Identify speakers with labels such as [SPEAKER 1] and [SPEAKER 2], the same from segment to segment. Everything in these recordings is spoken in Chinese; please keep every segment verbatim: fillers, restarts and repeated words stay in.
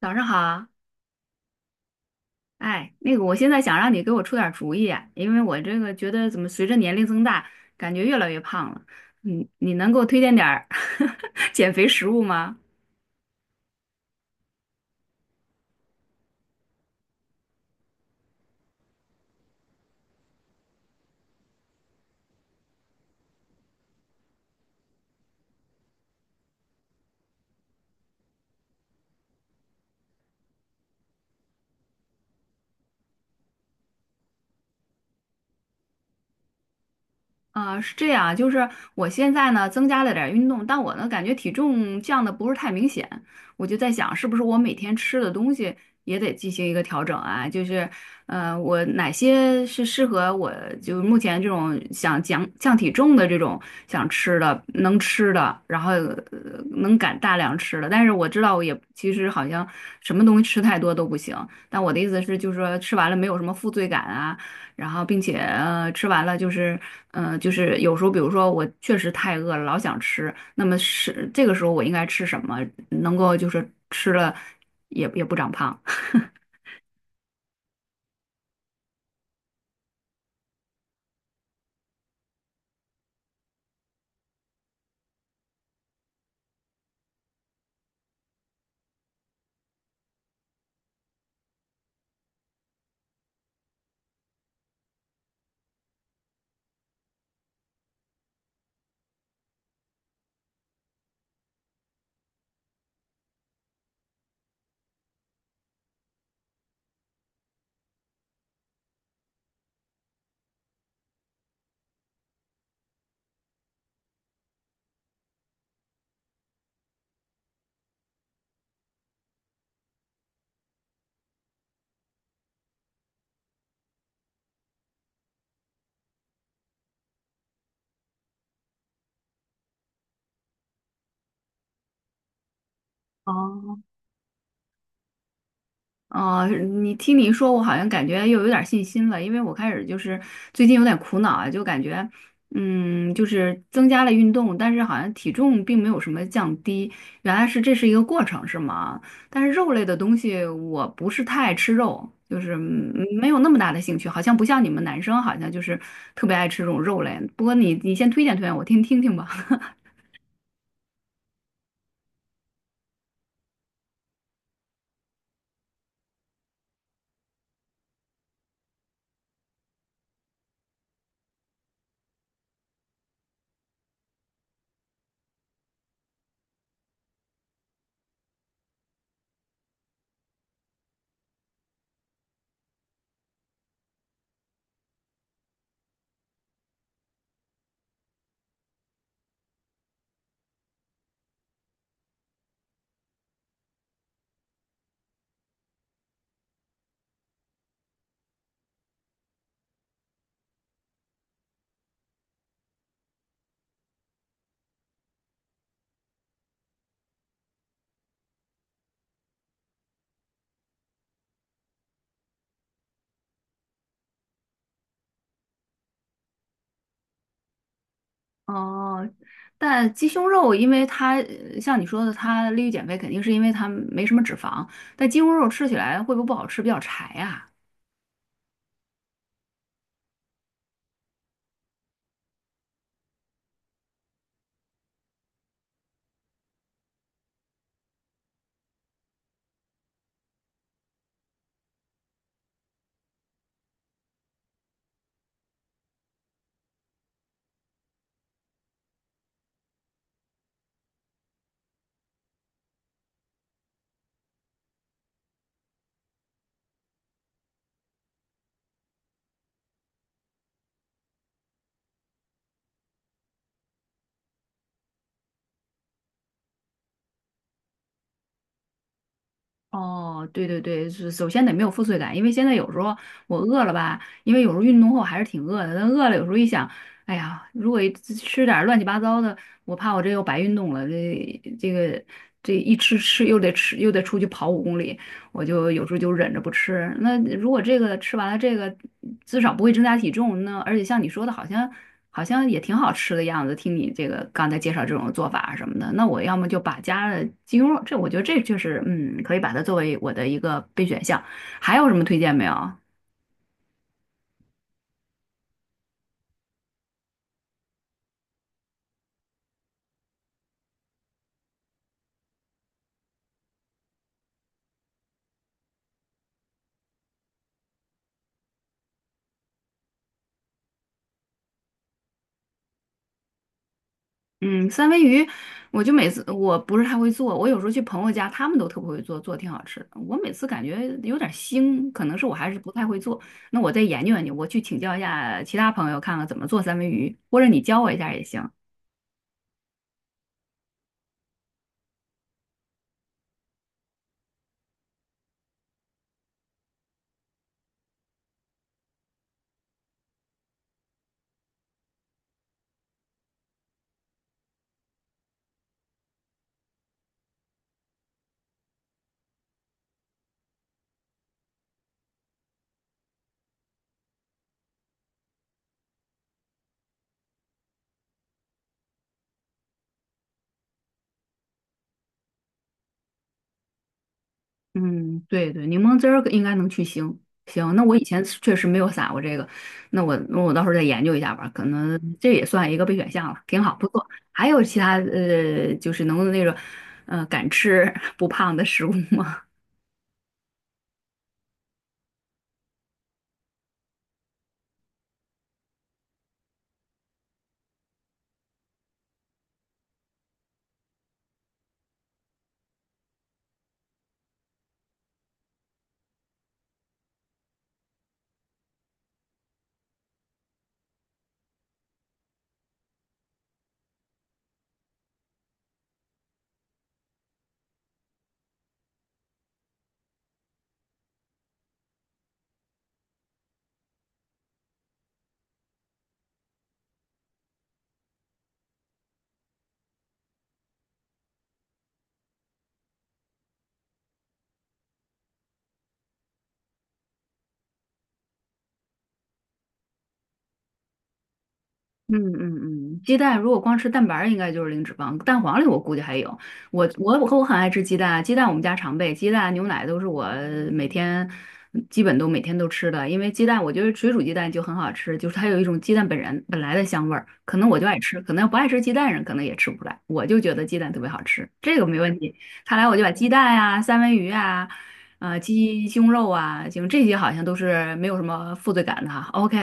[SPEAKER 1] 早上好。哎，那个，我现在想让你给我出点儿主意啊，因为我这个觉得怎么随着年龄增大，感觉越来越胖了。你你能给我推荐点儿 减肥食物吗？啊，是这样，就是我现在呢增加了点儿运动，但我呢感觉体重降的不是太明显，我就在想是不是我每天吃的东西也得进行一个调整啊？就是，呃，我哪些是适合我就目前这种想降降体重的这种想吃的能吃的，然后呃能敢大量吃的，但是我知道我也其实好像什么东西吃太多都不行，但我的意思是就是说吃完了没有什么负罪感啊。然后并且呃吃完了就是呃就是有时候比如说我确实太饿了，老想吃，那么是这个时候我应该吃什么，能够就是吃了也也不长胖。哦，你听你说，我好像感觉又有点儿信心了，因为我开始就是最近有点苦恼啊，就感觉，嗯，就是增加了运动，但是好像体重并没有什么降低，原来是这是一个过程，是吗？但是肉类的东西我不是太爱吃肉，就是嗯没有那么大的兴趣，好像不像你们男生，好像就是特别爱吃这种肉类。不过你你先推荐推荐我听听听吧。哦，但鸡胸肉，因为它呃像你说的，它利于减肥，肯定是因为它没什么脂肪。但鸡胸肉吃起来会不会不好吃，比较柴呀。哦，对对对，是首先得没有负罪感，因为现在有时候我饿了吧，因为有时候运动后还是挺饿的，但饿了有时候一想，哎呀，如果一吃点儿乱七八糟的，我怕我这又白运动了，这这个这一吃吃又得吃又得出去跑五公里，我就有时候就忍着不吃。那如果这个吃完了，这个至少不会增加体重。那而且像你说的，好像好像也挺好吃的样子。听你这个刚才介绍这种做法什么的，那我要么就把加了鸡胸肉，这我觉得这就是嗯，可以把它作为我的一个备选项。还有什么推荐没有？嗯，三文鱼，我就每次我不是太会做，我有时候去朋友家，他们都特别会做，做挺好吃的。我每次感觉有点腥，可能是我还是不太会做。那我再研究研究，我去请教一下其他朋友，看看怎么做三文鱼，或者你教我一下也行。嗯，对对，柠檬汁儿应该能去腥。行，那我以前确实没有撒过这个，那我那我到时候再研究一下吧，可能这也算一个备选项了，挺好，不错。还有其他呃，就是能那种呃敢吃 不胖的食物吗？嗯嗯嗯，鸡蛋如果光吃蛋白儿应该就是零脂肪。蛋黄里我估计还有。我我我和我很爱吃鸡蛋啊，鸡蛋我们家常备，鸡蛋牛奶都是我每天基本都每天都吃的。因为鸡蛋，我觉得水煮鸡蛋就很好吃，就是它有一种鸡蛋本人本来的香味儿。可能我就爱吃，可能不爱吃鸡蛋人可能也吃不出来。我就觉得鸡蛋特别好吃，这个没问题。看来我就把鸡蛋啊、三文鱼啊、呃鸡胸肉啊，行，这些好像都是没有什么负罪感的哈。OK。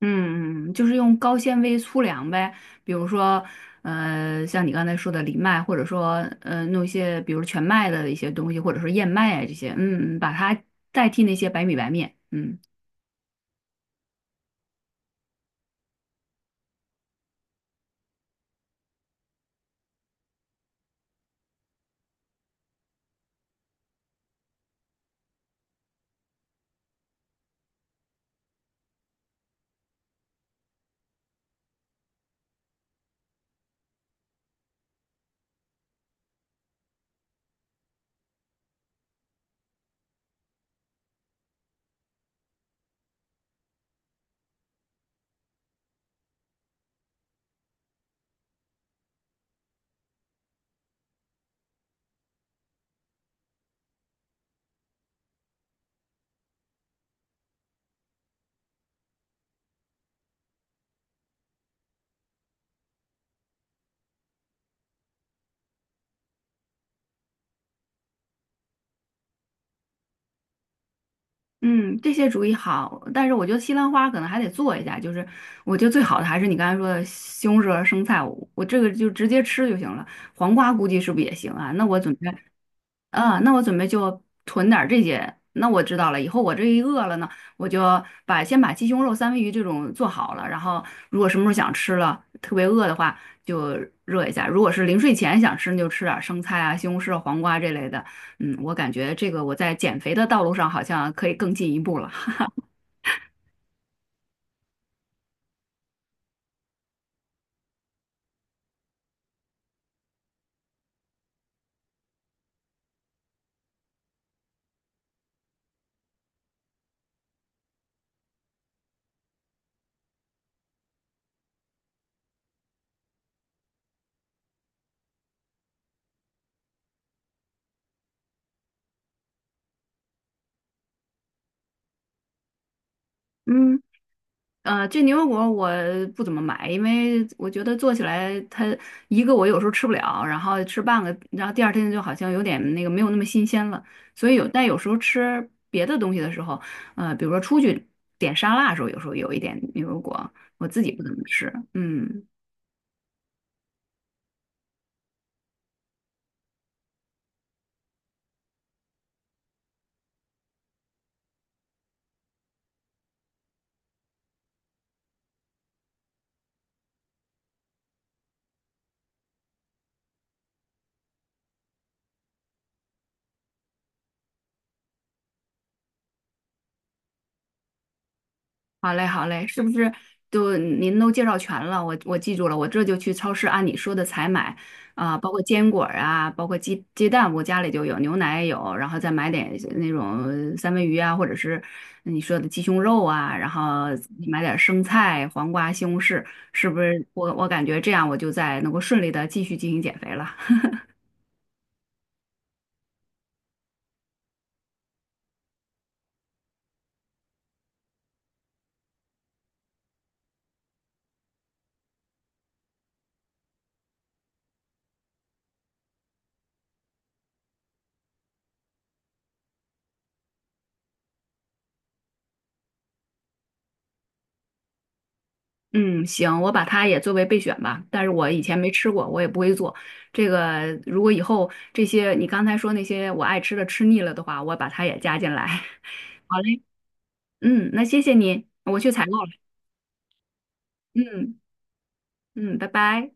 [SPEAKER 1] 嗯嗯，就是用高纤维粗粮呗，比如说，呃，像你刚才说的藜麦，或者说，呃，弄一些，比如全麦的一些东西，或者说燕麦啊这些，嗯，嗯把它代替那些白米白面。嗯嗯，这些主意好，但是我觉得西兰花可能还得做一下，就是我觉得最好的还是你刚才说的西红柿和生菜，我，我这个就直接吃就行了，黄瓜估计是不是也行啊？那我准备啊，那我准备就囤点儿这些。那我知道了，以后我这一饿了呢，我就把先把鸡胸肉、三文鱼这种做好了，然后如果什么时候想吃了，特别饿的话就热一下。如果是临睡前想吃，那就吃点儿生菜啊、西红柿、黄瓜这类的。嗯，我感觉这个我在减肥的道路上好像可以更进一步了。嗯。呃，这牛油果我不怎么买，因为我觉得做起来它一个我有时候吃不了，然后吃半个，然后第二天就好像有点那个没有那么新鲜了。所以有，但有时候吃别的东西的时候，呃，比如说出去点沙拉的时候，有时候有一点牛油果，我自己不怎么吃。嗯，好嘞，好嘞，是不是都您都介绍全了？我我记住了，我这就去超市按你说的采买啊、包括坚果儿啊，包括鸡鸡蛋，我家里就有，牛奶也有，然后再买点那种三文鱼啊，或者是你说的鸡胸肉啊，然后买点生菜、黄瓜、西红柿，是不是我？我感觉这样我就在能够顺利的继续进行减肥了。嗯，行，我把它也作为备选吧。但是我以前没吃过，我也不会做。这个如果以后这些你刚才说那些我爱吃的吃腻了的话，我把它也加进来。好嘞，嗯，那谢谢你，我去采购了。嗯嗯，拜拜。